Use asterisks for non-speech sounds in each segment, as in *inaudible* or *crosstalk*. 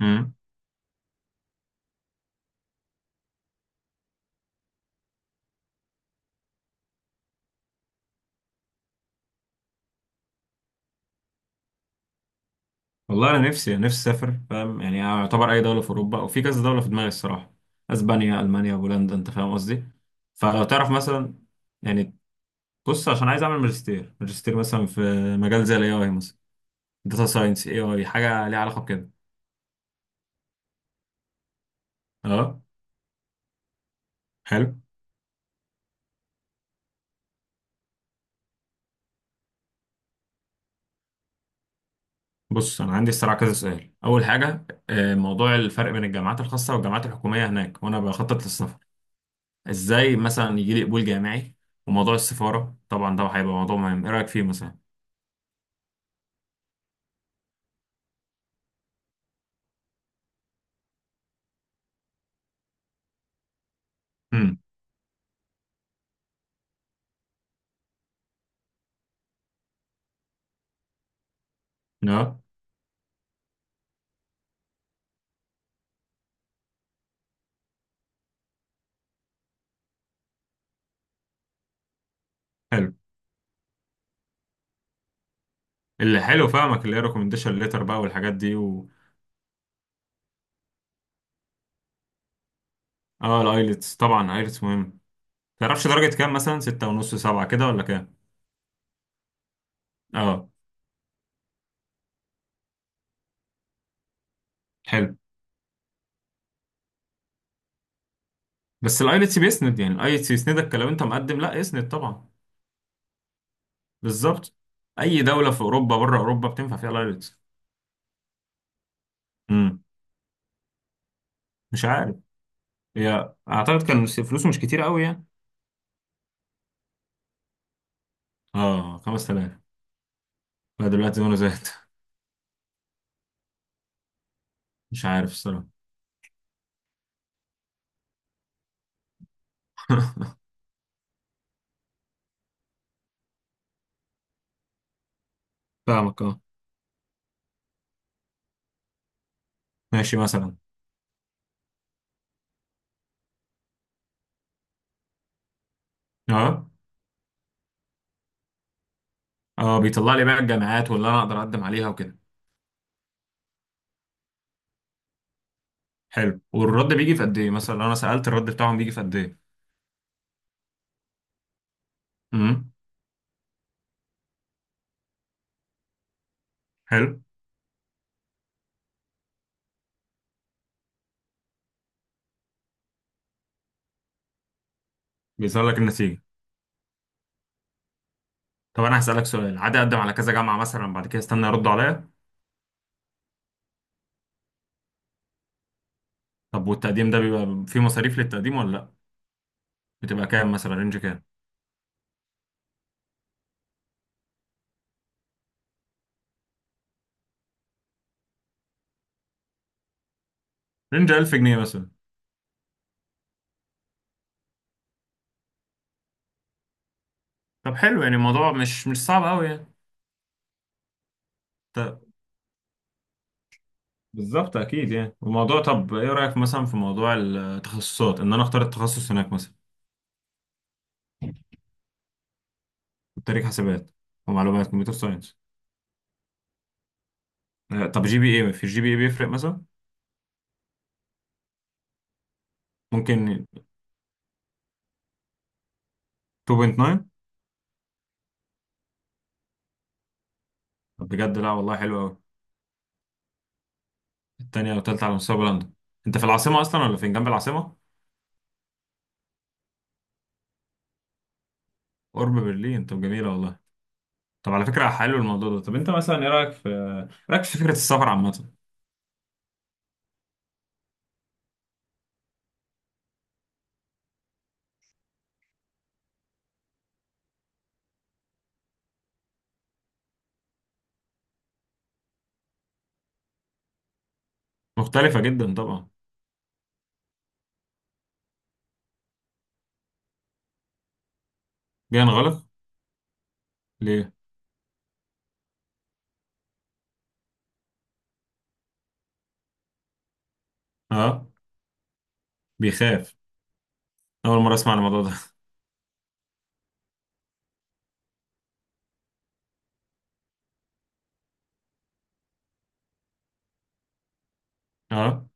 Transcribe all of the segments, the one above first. امم والله انا نفسي اسافر، فاهم يعني؟ اعتبر اي دوله في اوروبا او في كذا دوله في دماغي الصراحه. اسبانيا، المانيا، بولندا، انت فاهم قصدي. فلو تعرف مثلا، يعني بص، عشان عايز اعمل ماجستير مثلا في مجال زي الاي اي مثلا، داتا ساينس، اي اي حاجه ليها علاقه بكده. اه، حلو. بص انا عندي الصراحه كذا سؤال. اول حاجه موضوع الفرق بين الجامعات الخاصه والجامعات الحكوميه هناك، وانا بخطط للسفر. ازاي مثلا يجي لي قبول جامعي؟ وموضوع السفاره طبعا ده هيبقى موضوع مهم، ايه رايك فيه مثلا؟ امم. حلو. اللي حلو فاهمك، اللي هي ريكومنديشن ليتر بقى والحاجات دي اه، الايلتس طبعا، ايلتس مهم. تعرفش درجة كام؟ مثلا 6.5، 7 كده ولا كام؟ اه. حلو. بس الايلتس بيسند، يعني الايلتس يسندك لو انت مقدم، لا يسند طبعا. بالظبط. اي دولة في اوروبا، بره اوروبا، بتنفع فيها الايلتس. امم. مش عارف. هي اعتقد كان فلوسه مش كتير قوي يعني. اه، 5000. لا دلوقتي وانا زهقت *laughs* مش عارف الصراحة. *laughs* فاهمك، اه. ماشي مثلا. اه. اه، بيطلع لي بقى الجامعات واللي انا اقدر اقدم عليها وكده. حلو. والرد بيجي في قد ايه مثلا؟ لو انا سألت الرد بتاعهم بيجي في قد ايه؟ امم. حلو. بيظهر لك النتيجة. طب انا هسألك سؤال عادي. اقدم على كذا جامعة مثلا، بعد كده استنى يردوا عليا. طب والتقديم ده بيبقى فيه مصاريف للتقديم ولا لا؟ بتبقى كام مثلا؟ رينج كام؟ رينج 1000 جنيه مثلا؟ طب حلو، يعني الموضوع مش صعب قوي يعني. طب. بالظبط، اكيد يعني الموضوع. طب ايه رأيك مثلا في موضوع التخصصات، ان انا اختار التخصص هناك مثلا؟ تاريخ حسابات ومعلومات، كمبيوتر ساينس. طب جي بي ايه، في الجي بي ايه بيفرق مثلا؟ ممكن. 2.9. طب بجد؟ لا والله حلو قوي. التانية والتالتة على مستوى بولندا. انت في العاصمة اصلا ولا فين، جنب العاصمة؟ قرب برلين. طب جميلة والله. طب على فكرة حلو الموضوع ده. طب انت مثلا ايه رأيك في، إيه رأيك في فكرة السفر عامة؟ مختلفة جدا طبعا. جاي نغلق. ليه؟ اه. بيخاف. اول مرة اسمع عن الموضوع ده. *laughs* اه.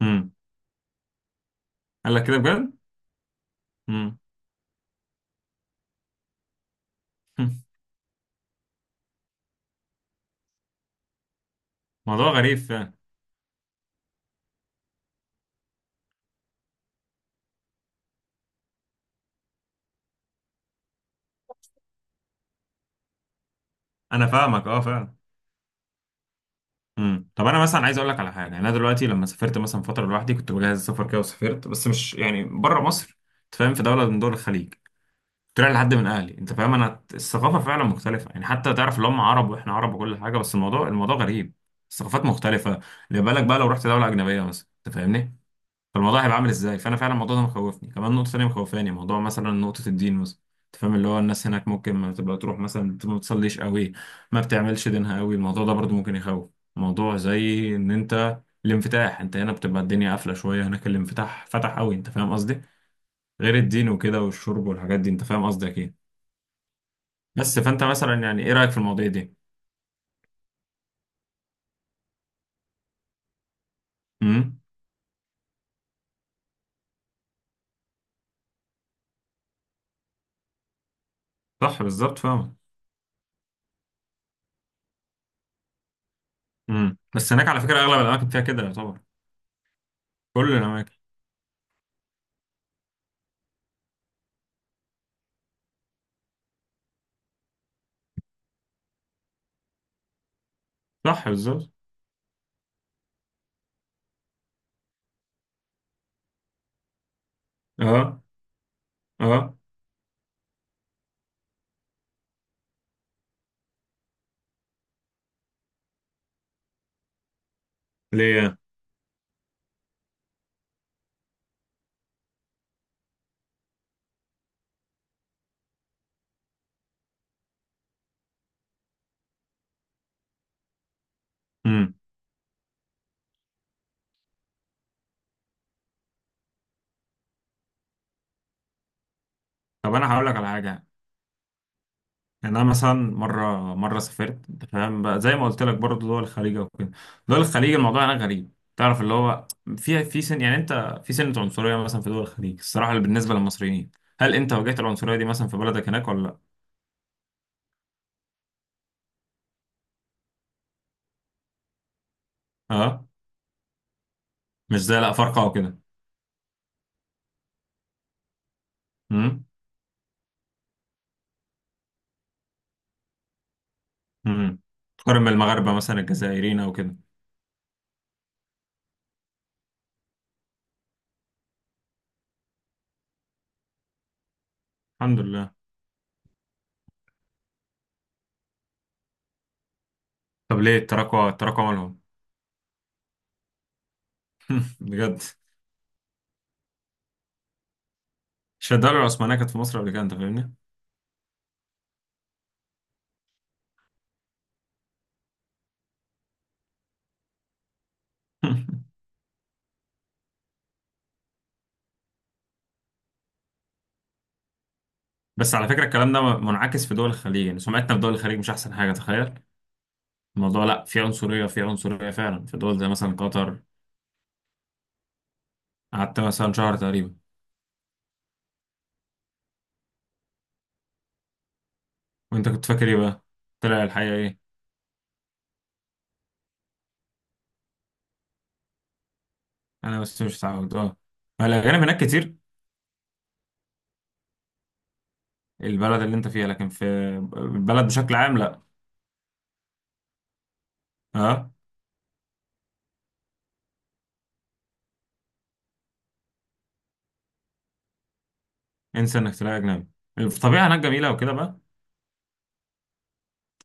امم. قال لك كده بجد؟ امم. *laughs* موضوع غريب فعلا. انا فاهمك، اه، فعلا. امم. طب انا مثلا عايز اقول لك على حاجه. انا دلوقتي لما سافرت مثلا فتره لوحدي، كنت بجهز السفر كده وسافرت، بس مش يعني بره مصر. أنت فاهم، في دوله من دول الخليج. طلع لحد من اهلي. انت فاهم؟ انا الثقافه فعلا مختلفه، يعني حتى تعرف اللي هم عرب واحنا عرب وكل حاجه، بس الموضوع غريب. الثقافات مختلفه. اللي بالك بقى لو رحت دوله اجنبيه مثلا، انت فاهمني؟ فالموضوع هيبقى عامل ازاي؟ فانا فعلا الموضوع ده مخوفني. كمان نقطه ثانيه مخوفاني موضوع مثلا، نقطه الدين مثلا. انت فاهم اللي هو الناس هناك ممكن ما تبقى تروح مثلا، ما بتصليش قوي، ما بتعملش دينها قوي. الموضوع ده برضو ممكن يخوف. موضوع زي ان انت الانفتاح، انت هنا بتبقى الدنيا قافله شويه، هناك الانفتاح فتح قوي، انت فاهم قصدي. غير الدين وكده والشرب والحاجات دي، انت فاهم قصدي اكيد. بس فانت مثلا يعني ايه رايك في المواضيع دي؟ امم. صح بالظبط فاهمك. امم. بس هناك على فكره اغلب الاماكن فيها كده يعتبر. كل الاماكن. صح بالظبط. اه. اه. ليه؟ امم. طب انا هقول لك على حاجه. يعني انا مثلا مره سافرت انت فاهم بقى، زي ما قلت لك برضه دول الخليج وكده. دول الخليج الموضوع هناك غريب، تعرف اللي هو في سن يعني انت، في سنه عنصريه مثلا في دول الخليج الصراحه اللي بالنسبه للمصريين. هل انت واجهت العنصريه دي مثلا في بلدك هناك ولا لا؟ اه. مش زي، لا، فرقه وكده. امم. تقارن بالمغاربة مثلا، الجزائريين أو كده. الحمد لله. طب ليه التراكوة، التراكوة مالهم؟ بجد؟ مش الدولة العثمانية كانت في مصر قبل كده، أنت فاهمني؟ *laughs* بس على فكرة الكلام ده منعكس في دول الخليج، يعني سمعتنا في دول الخليج مش أحسن حاجة، تخيل. الموضوع لأ، في عنصرية، في عنصرية فعلا في دول زي مثلا قطر. قعدت مثلا شهر تقريبا. وأنت كنت فاكر إيه بقى؟ طلع الحقيقة إيه؟ أنا بس مش متعود، أه. الأجانب هناك كتير. البلد اللي أنت فيها، لكن في البلد بشكل عام لأ. أه. انسى انك تلاقي اجنبي. الطبيعه هناك جميله وكده بقى؟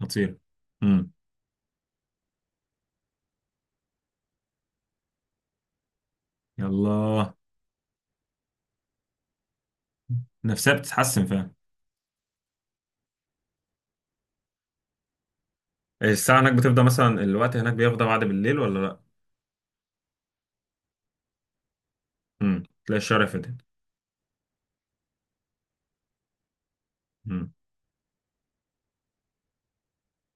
خطير. امم. يلا. نفسها بتتحسن فعلا. الساعه هناك بتفضى مثلا، الوقت هناك بيفضى بعد بالليل ولا لا؟ امم. تلاقي الشارع فاتت.